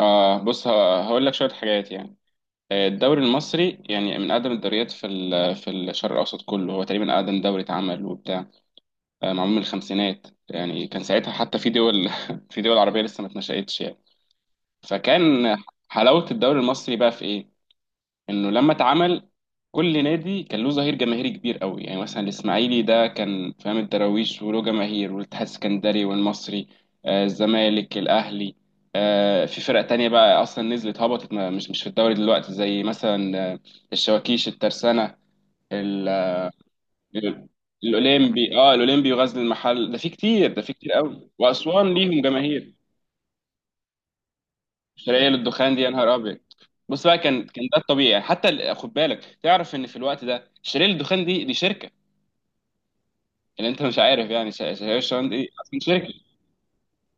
بص هقول لك شوية حاجات يعني. الدوري المصري يعني من أقدم الدوريات في الشرق الأوسط كله، هو تقريبا أقدم دوري اتعمل وبتاع. معمول من الخمسينات، يعني كان ساعتها حتى في دول في دول عربية لسه ما اتنشأتش يعني. فكان حلاوة الدوري المصري بقى في إيه؟ انه لما اتعمل كل نادي كان له ظهير جماهيري كبير قوي، يعني مثلا الاسماعيلي ده كان فاهم الدراويش وله جماهير، والاتحاد السكندري والمصري، الزمالك، الاهلي. في فرق تانية بقى اصلا نزلت هبطت، مش في الدوري دلوقتي، زي مثلا الشواكيش، الترسانة، ال- ال- الاولمبي وغزل المحل، ده في كتير قوي، واسوان ليهم جماهير. شرقية للدخان دي يا نهار ابيض. بص بقى، كان ده الطبيعي يعني، حتى خد بالك، تعرف ان في الوقت ده شرقية للدخان دي شركة، اللي انت مش عارف يعني. شرقية للدخان دي اصلا شركة.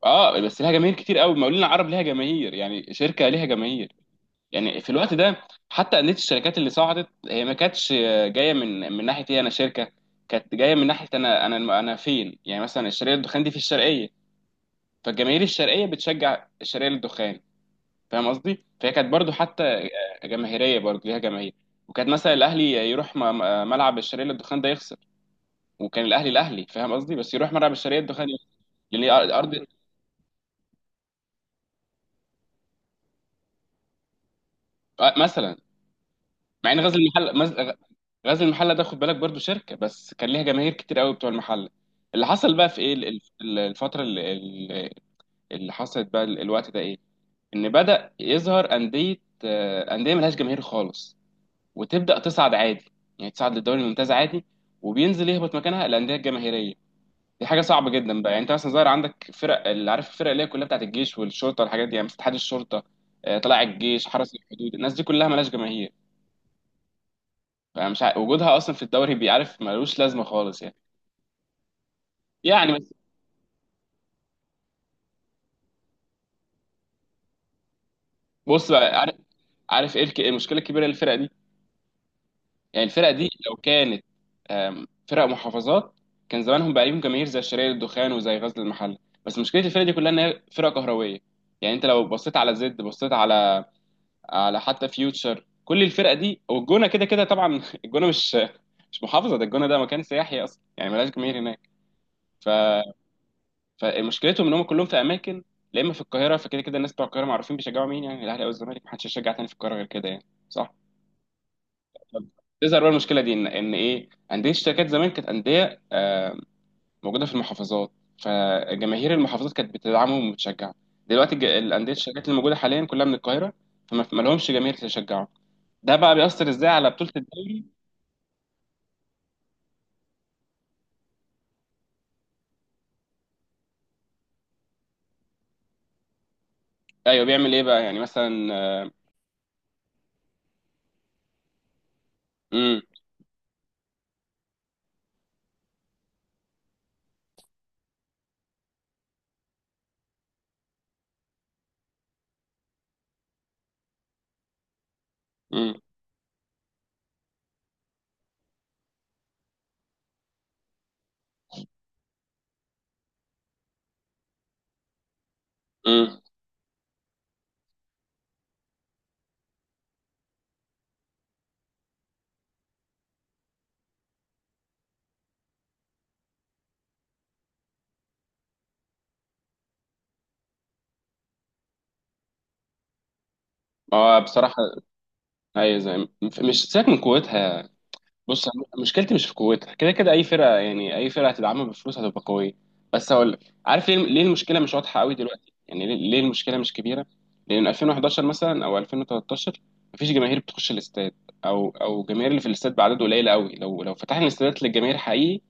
اه، بس لها جماهير كتير قوي. المقاولين العرب لها جماهير، يعني شركة لها جماهير. يعني في الوقت ده حتى اندية الشركات اللي صعدت، هي ما كانتش جاية من ناحية ايه، انا شركة. كانت جاية من ناحية انا فين، يعني مثلا الشرقية للدخان دي في الشرقية، فالجماهير الشرقية بتشجع الشرقية للدخان. فاهم قصدي؟ فهي كانت برضو حتى جماهيريه، برضو ليها جماهير. وكانت مثلا الاهلي يروح ملعب الشرقيه للدخان ده يخسر. وكان الاهلي فاهم قصدي، بس يروح ملعب الشرقيه للدخان يخسر، لان هي ارض. مثلا، مع ان غزل المحله غزل المحله ده خد بالك برضو شركه، بس كان ليها جماهير كتير قوي بتوع المحله. اللي حصل بقى في ايه، الفتره اللي حصلت بقى الوقت ده ايه، ان بدأ يظهر انديه، انديه ملهاش جماهير خالص وتبدا تصعد عادي، يعني تصعد للدوري الممتاز عادي، وبينزل يهبط مكانها الانديه الجماهيريه. دي حاجه صعبه جدا بقى، يعني انت مثلا ظاهر عندك فرق، اللي عارف الفرق اللي هي كلها بتاعت الجيش والشرطه والحاجات دي، يعني مثلا اتحاد الشرطه، طلائع الجيش، حرس الحدود، الناس دي كلها مالهاش جماهير. فمش وجودها اصلا في الدوري بيعرف ملوش لازمه خالص يعني. يعني بس، بص بقى، عارف ايه المشكله الكبيره للفرق دي؟ يعني الفرقة دي لو كانت فرق محافظات، كان زمانهم بقى ليهم جماهير زي شرقية الدخان وزي غزل المحلة. بس مشكلة الفرقة دي كلها إن هي فرقة كهروية، يعني أنت لو بصيت على زد، بصيت على، على حتى فيوتشر، كل الفرقة دي والجونة، كده كده طبعا الجونة مش محافظة، ده الجونة ده مكان سياحي أصلا، يعني ملهاش جماهير هناك. ف... فمشكلتهم إن هم كلهم في أماكن، لا إما في القاهرة، فكده كده الناس بتوع القاهرة معروفين بيشجعوا مين، يعني الأهلي أو الزمالك، محدش يشجع تاني في القاهرة غير كده يعني صح؟ تظهر بقى المشكله دي، ان ايه، انديه الشركات زمان كانت انديه، موجوده في المحافظات، فجماهير المحافظات كانت بتدعمهم وبتشجعهم. دلوقتي الانديه الشركات اللي موجوده حاليا كلها من القاهره، فما ما لهمش جماهير تشجعهم. ده بقى بيأثر ازاي على بطوله الدوري؟ ايوه، بيعمل ايه بقى يعني مثلا. امم امم امم هو بصراحه، ايوه زي، مش سيبك من قوتها. بص، أنا مشكلتي مش في قوتها، كده كده اي فرقه، يعني اي فرقه هتدعمها بفلوس هتبقى قويه. بس هقول لك، عارف ليه المشكله مش واضحه قوي دلوقتي، يعني ليه المشكله مش كبيره؟ لان 2011 مثلا او 2013 مفيش جماهير بتخش الاستاد، او الجماهير اللي في الاستاد بعدد قليل قوي. لو فتحنا الاستادات للجماهير حقيقي،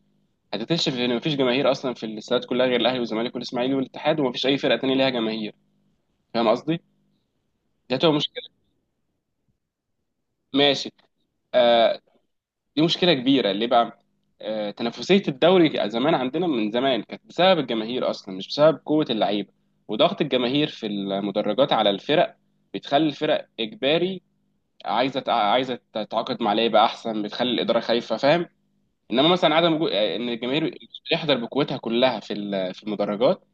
هتكتشف ان مفيش جماهير اصلا في الاستادات كلها غير الاهلي والزمالك والاسماعيلي والاتحاد، ومفيش اي فرقه تانيه ليها جماهير. فاهم قصدي؟ دي هتبقى مشكله. ماشي. آه، دي مشكله كبيره ليه بقى؟ تنافسيه الدوري زمان عندنا من زمان كانت بسبب الجماهير اصلا، مش بسبب قوه اللعيبه، وضغط الجماهير في المدرجات على الفرق بتخلي الفرق اجباري عايزه عايزه تتعاقد مع لعيبه احسن، بتخلي الاداره خايفه، فاهم؟ انما مثلا عدم وجود ان الجماهير يحضر بقوتها كلها في المدرجات،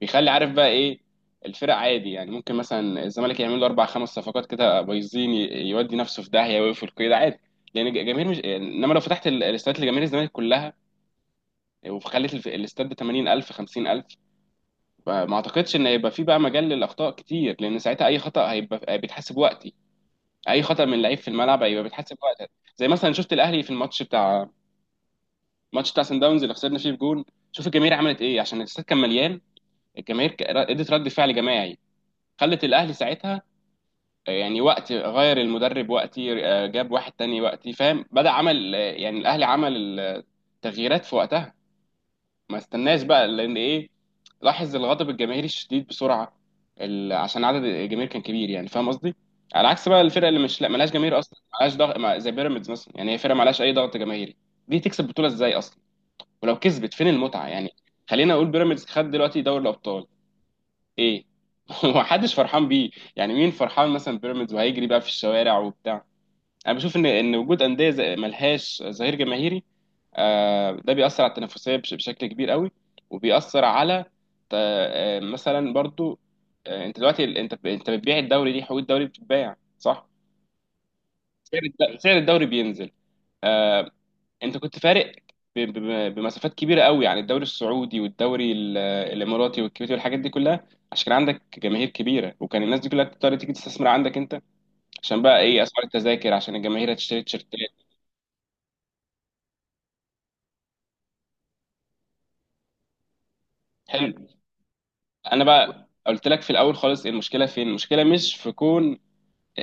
بيخلي عارف بقى ايه، الفرق عادي. يعني ممكن مثلا الزمالك يعمل له اربع خمس صفقات كده بايظين، يودي نفسه في داهيه ويقفل كده عادي، لان الجماهير مش. انما لو فتحت الاستاد لجماهير الزمالك كلها، وخليت الاستاد ب 80000، 50000، ما اعتقدش ان هيبقى في بقى مجال للاخطاء كتير، لان ساعتها اي خطا هيبقى بيتحسب وقتي، اي خطا من لعيب في الملعب هيبقى بيتحسب وقتها. زي مثلا شفت الاهلي في الماتش بتاع سان داونز اللي خسرنا فيه بجون. شوف الجماهير عملت ايه، عشان الاستاد كان مليان. الجماهير ادت رد فعل جماعي، خلت الاهلي ساعتها، يعني وقت غير المدرب وقتي، جاب واحد تاني وقتي، فاهم، بدأ عمل، يعني الاهلي عمل التغييرات في وقتها، ما استناش بقى، لان ايه، لاحظ الغضب الجماهيري الشديد بسرعه، عشان عدد الجماهير كان كبير، يعني فاهم قصدي. على عكس بقى الفرق اللي مش، لا، ملهاش جماهير اصلا، ملهاش ضغط، زي بيراميدز مثلا، يعني هي فرقه ملهاش اي ضغط جماهيري. دي تكسب بطوله ازاي اصلا؟ ولو كسبت فين المتعه يعني؟ خلينا اقول بيراميدز خد دلوقتي دوري الابطال، ايه هو محدش فرحان بيه. يعني مين فرحان مثلا بيراميدز وهيجري بقى في الشوارع وبتاع؟ انا بشوف ان وجود انديه زي، ملهاش ظهير جماهيري، ده بيأثر على التنافسيه، بشكل كبير قوي، وبيأثر على، مثلا برضو، انت دلوقتي، انت بتبيع الدوري، دي حقوق الدوري بتتباع صح. سعر الدوري بينزل. آه، انت كنت فارق بمسافات كبيره قوي يعني، الدوري السعودي والدوري الاماراتي والكويتي والحاجات دي كلها، عشان كان عندك جماهير كبيره، وكان الناس دي كلها بتضطر تيجي تستثمر عندك انت، عشان بقى ايه، اسعار التذاكر، عشان الجماهير هتشتري تيشيرتات. حلو. انا بقى قلت لك في الاول خالص، المشكله فين، المشكله مش في كون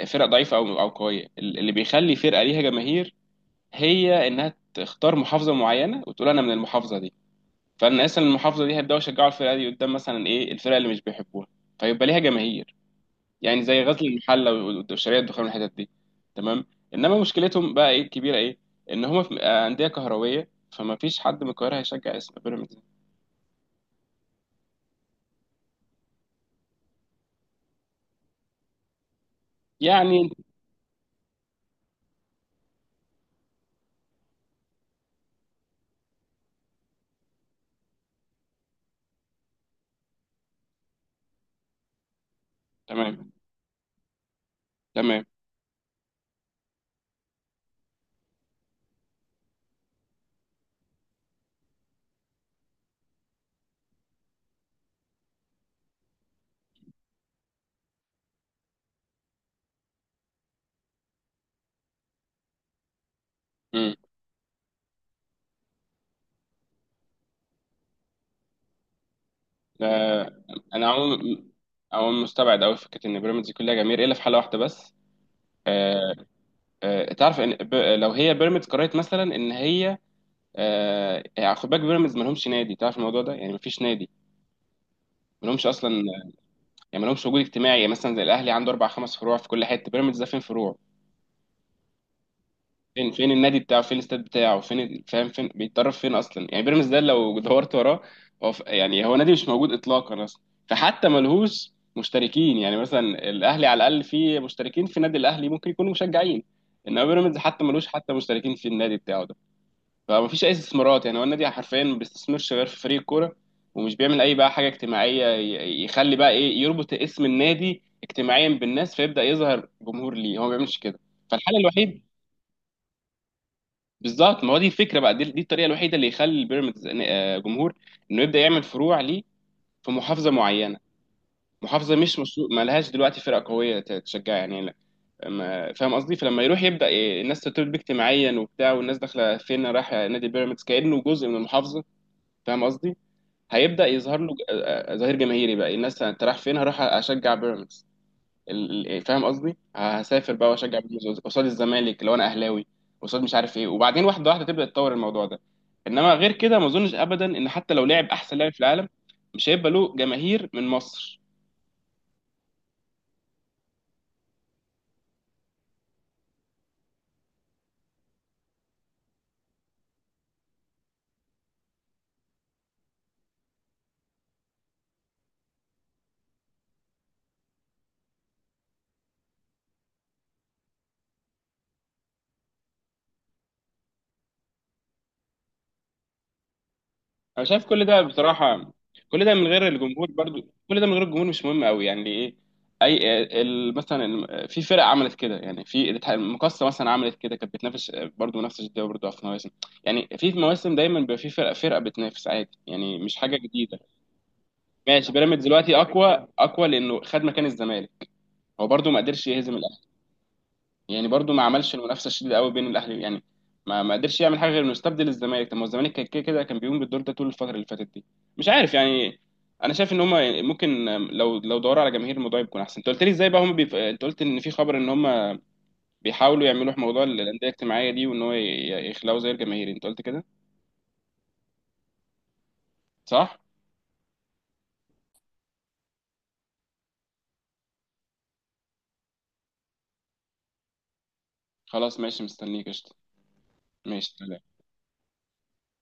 فرق ضعيفه او او قويه، اللي بيخلي فرقه ليها جماهير هي انها تختار محافظه معينه وتقول انا من المحافظه دي، فالناس من المحافظه دي هيبداوا يشجعوا الفرقه دي قدام مثلا ايه، الفرقه اللي مش بيحبوها، فيبقى ليها جماهير. يعني زي غزل المحله والشرقيه الدخان والحتت دي. تمام. انما مشكلتهم بقى ايه الكبيره ايه، ان هم في، انديه كهرويه، فما فيش حد من القاهره هيشجع اسم بيراميدز. يعني. تمام. تمام. امم. انا عموما، عموما مستبعد قوي فكره ان بيراميدز كلها جماهير، الا في حاله واحده بس. آه، تعرف ان، لو هي بيراميدز قررت مثلا ان هي، يعني خد بالك، بيراميدز ما لهمش نادي، تعرف الموضوع ده، يعني ما فيش نادي، ما لهمش اصلا. يعني ما لهمش وجود اجتماعي، يعني مثلا زي الاهلي عنده اربع خمس فروع في كل حته، بيراميدز ده فين فروع؟ فين، فين النادي بتاعه، فين الاستاد بتاعه، فين فاهم، فين بيتدرب، فين اصلا، يعني بيراميدز ده لو دورت وراه، هو يعني هو نادي مش موجود اطلاقا اصلا. فحتى ملهوش مشتركين يعني مثلا، الاهلي على الاقل فيه مشتركين في نادي الاهلي ممكن يكونوا مشجعين، انما بيراميدز حتى ملوش حتى مشتركين في النادي بتاعه ده، فمفيش اي استثمارات، يعني هو النادي حرفيا ما بيستثمرش غير في فريق الكوره، ومش بيعمل اي بقى حاجه اجتماعيه، يخلي بقى ايه، يربط اسم النادي اجتماعيا بالناس، فيبدا يظهر جمهور ليه. هو ما بيعملش كده. فالحل الوحيد، بالظبط، ما هو دي الفكره بقى، دي الطريقه الوحيده اللي يخلي البيراميدز جمهور، انه يبدا يعمل فروع ليه في محافظه معينه، محافظه مش مشروع، ما لهاش دلوقتي فرقه قويه تشجع يعني لا. فاهم قصدي؟ فلما يروح يبدا إيه، الناس ترتبط بيه اجتماعيا وبتاع، والناس داخله فين، رايحه نادي بيراميدز، كانه جزء من المحافظه، فاهم قصدي؟ هيبدأ يظهر له، ظهير جماهيري بقى، الناس انت رايح فين، هروح اشجع بيراميدز. يعني فاهم قصدي، هسافر بقى واشجع بيراميدز قصاد الزمالك لو انا اهلاوي، قصاد مش عارف ايه، وبعدين واحده واحده تبدأ تطور الموضوع ده. انما غير كده، ما اظنش ابدا ان حتى لو لعب احسن لاعب في العالم، مش هيبقى له جماهير من مصر. انا شايف كل ده بصراحه، كل ده من غير الجمهور برضو، كل ده من غير الجمهور مش مهم قوي، يعني ايه، اي مثلا في فرق عملت كده، يعني في المقصه مثلا عملت كده، كانت بتنافس برضو نفس الجديه، برضو في مواسم، يعني في مواسم دايما بيبقى في فرق، فرقه بتنافس عادي يعني، مش حاجه جديده. ماشي، بيراميدز دلوقتي اقوى لانه خد مكان الزمالك. هو برضو ما قدرش يهزم، يعني برضو ما عملش المنافسه الشديده قوي بين الاهلي يعني، ما قدرش يعمل حاجه غير انه يستبدل الزمالك. طب ما هو الزمالك كان كده كده كان بيقوم بالدور ده طول الفتره اللي فاتت دي. مش عارف يعني. انا شايف ان هم ممكن، لو دوروا على جماهير الموضوع يكون احسن. انت قلت لي ازاي بقى هم انت قلت ان في خبر ان هم بيحاولوا يعملوا موضوع الانديه الاجتماعيه دي، وان هو يخلقوا زي الجماهير، انت قلت كده صح؟ خلاص، ماشي، مستنيك، قشطه. ماشي.